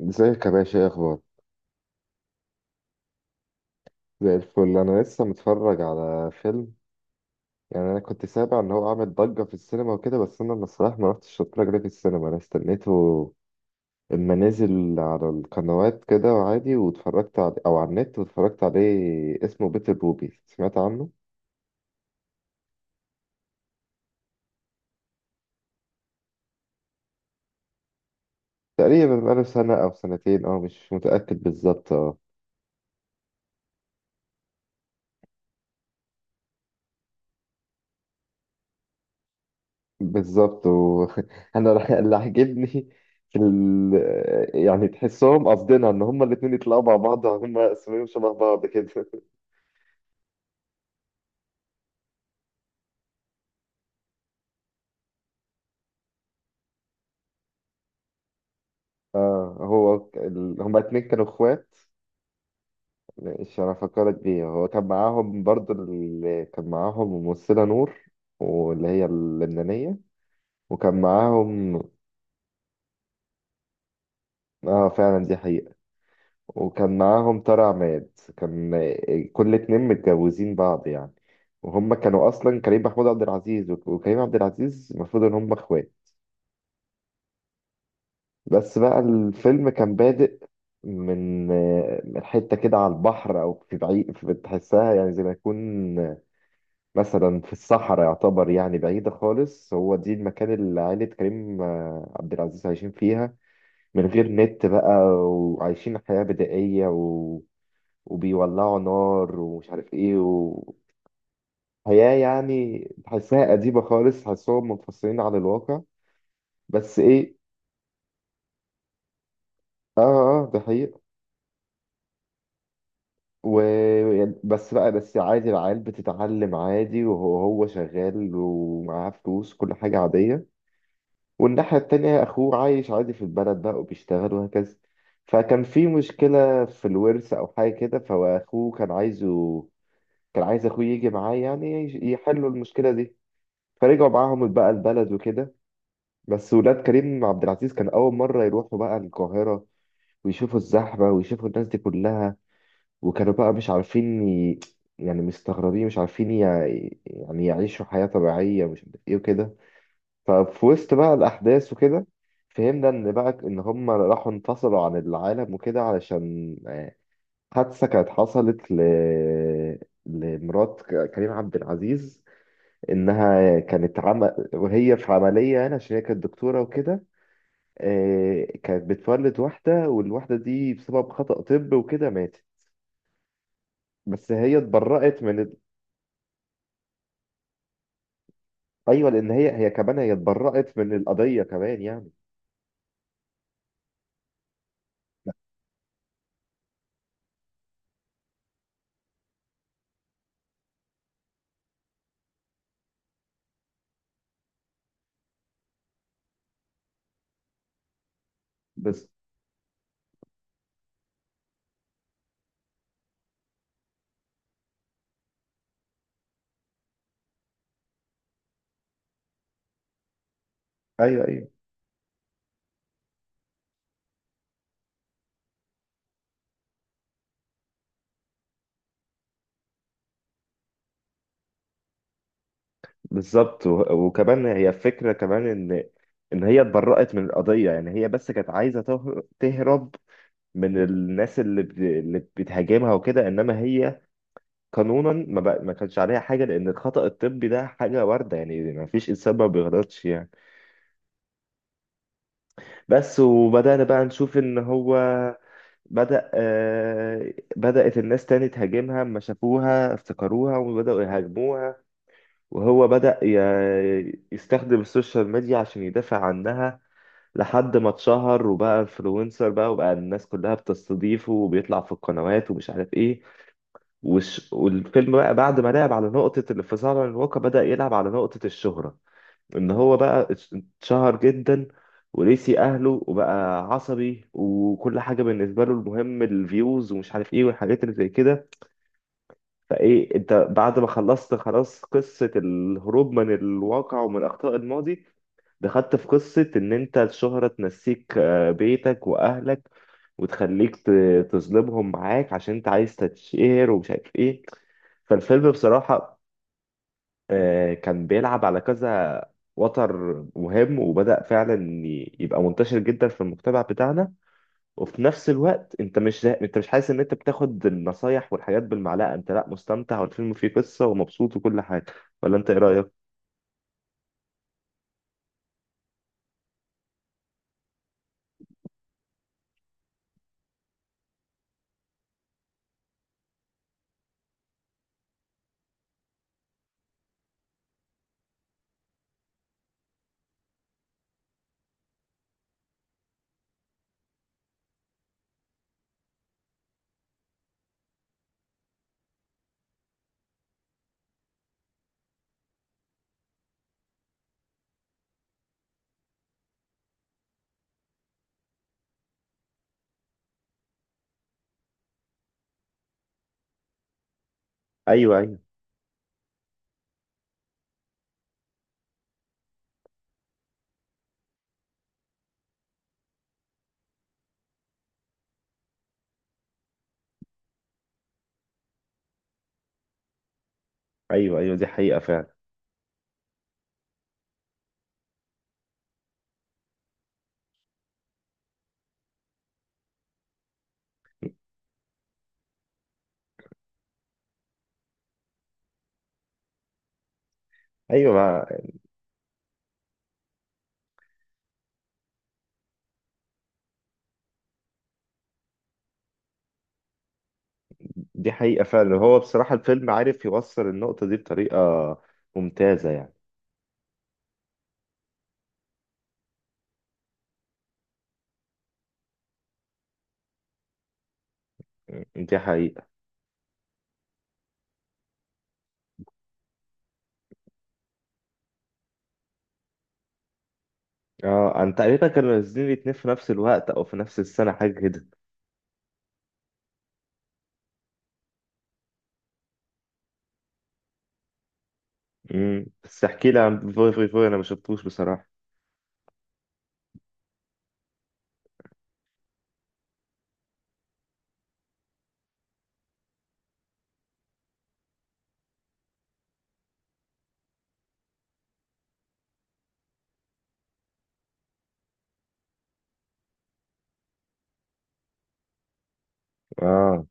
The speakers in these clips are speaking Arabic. ازيك يا باشا؟ ايه اخبار؟ زي الفل. انا لسه متفرج على فيلم. يعني انا كنت سامع ان هو عامل ضجه في السينما وكده، بس انا الصراحه ما رحتش اتفرج عليه في السينما. انا استنيته اما نزل على القنوات كده وعادي واتفرجت عليه، او على النت واتفرجت عليه. اسمه بيت الروبي، سمعت عنه؟ تقريبا بقاله سنه او سنتين، او مش متاكد بالظبط. بالظبط. اللي عاجبني في ال... يعني تحسهم، قصدنا ان هما الاتنين يطلعوا مع بعض. هما اسمهم شبه بعض كده. هما الاتنين كانوا اخوات. ماشي. انا فكرت بيه. هو كان معاهم برضه. اللي كان معاهم ممثلة نور، واللي هي اللبنانية. وكان معاهم. اه، فعلا دي حقيقة. وكان معاهم طارق عماد. كان كل اتنين متجوزين بعض يعني. وهم كانوا اصلا كريم محمود عبد العزيز وكريم عبد العزيز، المفروض ان هم اخوات. بس بقى الفيلم كان بادئ من من حته كده، على البحر او في بعيد. في بتحسها يعني زي ما يكون مثلا في الصحراء. يعتبر يعني بعيده خالص. هو دي المكان اللي عائله كريم عبد العزيز عايشين فيها، من غير نت بقى. وعايشين حياه بدائيه وبيولعوا نار ومش عارف ايه. وحياة يعني تحسها أديبة خالص، تحسهم منفصلين عن الواقع. بس ايه؟ اه، اه، اه، ده حقيقة. و... بس بقى عادي، العيال بتتعلم عادي. وهو شغال ومعاه فلوس، كل حاجة عادية. والناحية التانية أخوه عايش عادي في البلد بقى وبيشتغل وهكذا. فكان في مشكلة في الورث أو حاجة كده. فأخوه كان عايز أخوه يجي معاه، يعني يحلوا المشكلة دي. فرجعوا معاهم بقى البلد وكده. بس ولاد كريم عبد العزيز كان أول مرة يروحوا بقى القاهرة ويشوفوا الزحمة ويشوفوا الناس دي كلها. وكانوا بقى مش عارفين يعني مستغربين، مش عارفين يعني يعيشوا حياة طبيعية، مش عارف إيه وكده. ففي وسط بقى الأحداث وكده، فهمنا إن بقى إن هم راحوا انفصلوا عن العالم وكده، علشان حادثة كانت حصلت لمرات كريم عبد العزيز. إنها كانت وهي في عملية، يعني عشان هي كانت دكتورة وكده. كانت بتولد واحدة، والواحدة دي بسبب خطأ طب وكده ماتت. بس هي اتبرأت. أيوة، لأن هي كمان هي اتبرأت من القضية كمان يعني. بس، أيوة، أيوة، بالظبط. وكمان هي فكرة كمان إن هي اتبرأت من القضية، يعني هي بس كانت عايزة تهرب من الناس اللي اللي بتهاجمها وكده. إنما هي قانونا ما كانش عليها حاجة، لأن الخطأ الطبي ده حاجة واردة. يعني ما فيش إنسان ما بيغلطش يعني. بس، وبدأنا بقى نشوف إن هو بدأت الناس تاني تهاجمها، أما شافوها افتكروها وبدأوا يهاجموها. وهو بدأ يستخدم السوشيال ميديا عشان يدافع عنها، لحد ما اتشهر وبقى انفلونسر، بقى وبقى الناس كلها بتستضيفه وبيطلع في القنوات ومش عارف ايه. والفيلم بقى، بعد ما لعب على نقطة الانفصال عن الواقع، بدأ يلعب على نقطة الشهرة، ان هو بقى اتشهر جدا ونسي اهله وبقى عصبي، وكل حاجه بالنسبه له المهم الفيوز ومش عارف ايه والحاجات اللي زي كده. فايه، انت بعد ما خلصت خلاص قصه الهروب من الواقع ومن اخطاء الماضي، دخلت في قصه ان انت الشهره تنسيك بيتك واهلك، وتخليك تظلمهم معاك عشان انت عايز تتشهر ومش عارف ايه. فالفيلم بصراحه، كان بيلعب على كذا وتر مهم، وبدأ فعلا يبقى منتشر جدا في المجتمع بتاعنا. وفي نفس الوقت انت مش حاسس ان انت بتاخد النصايح والحاجات بالمعلقة. انت لا، مستمتع والفيلم فيه قصة ومبسوط وكل حاجة، ولا انت ايه رأيك؟ ايوه، ايوه، ايوه، ايوه، دي حقيقة فعلا. ايوه، دي حقيقة فعلا. هو بصراحة الفيلم عارف يوصل النقطة دي بطريقة ممتازة يعني. دي حقيقة. اه، انا تقريبا كانوا نازلين الاتنين في نفس الوقت او في نفس السنة، حاجة كده. بس احكي لي عن فوي فوي فوي، انا ما شفتوش بصراحة. اه،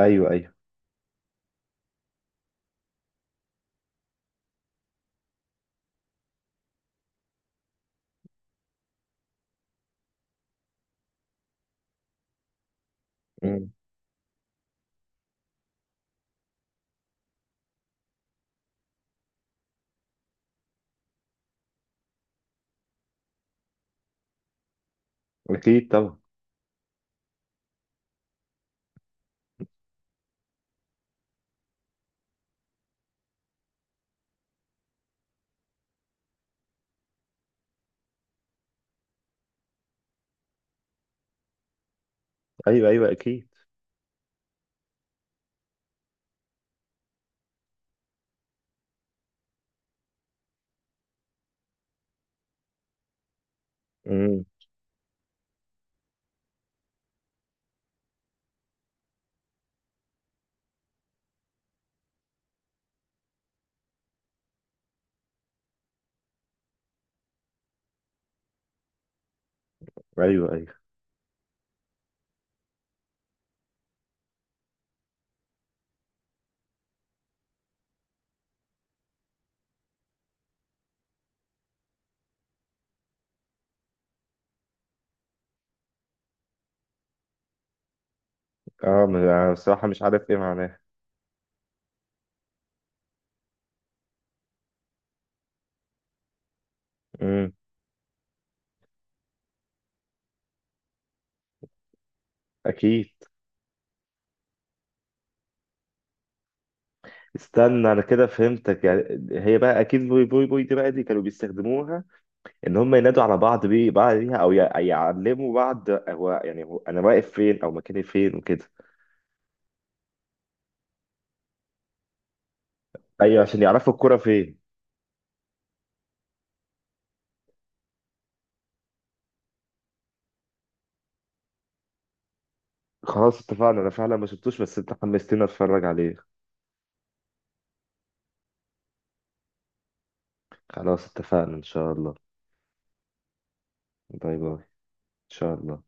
ايوه، ايوه. مم. اكيد طبعا. ايوه، ايوه، اكيد. مم. ايوه، ايوه، اه، أنا بصراحة مش عارف ايه معناها. مم. اكيد. استنى انا كده فهمتك يعني. هي بقى اكيد فوي فوي فوي دي، بقى دي كانوا بيستخدموها. ان هم ينادوا على بعض بيه، بعض ليها، او يعلموا بعض هو انا واقف فين او مكاني فين وكده. ايوه، عشان يعرفوا الكرة فين. خلاص اتفقنا. انا فعلا ما شفتوش، بس انت حمستني اتفرج عليه. خلاص اتفقنا إن شاء الله. باي باي إن شاء الله.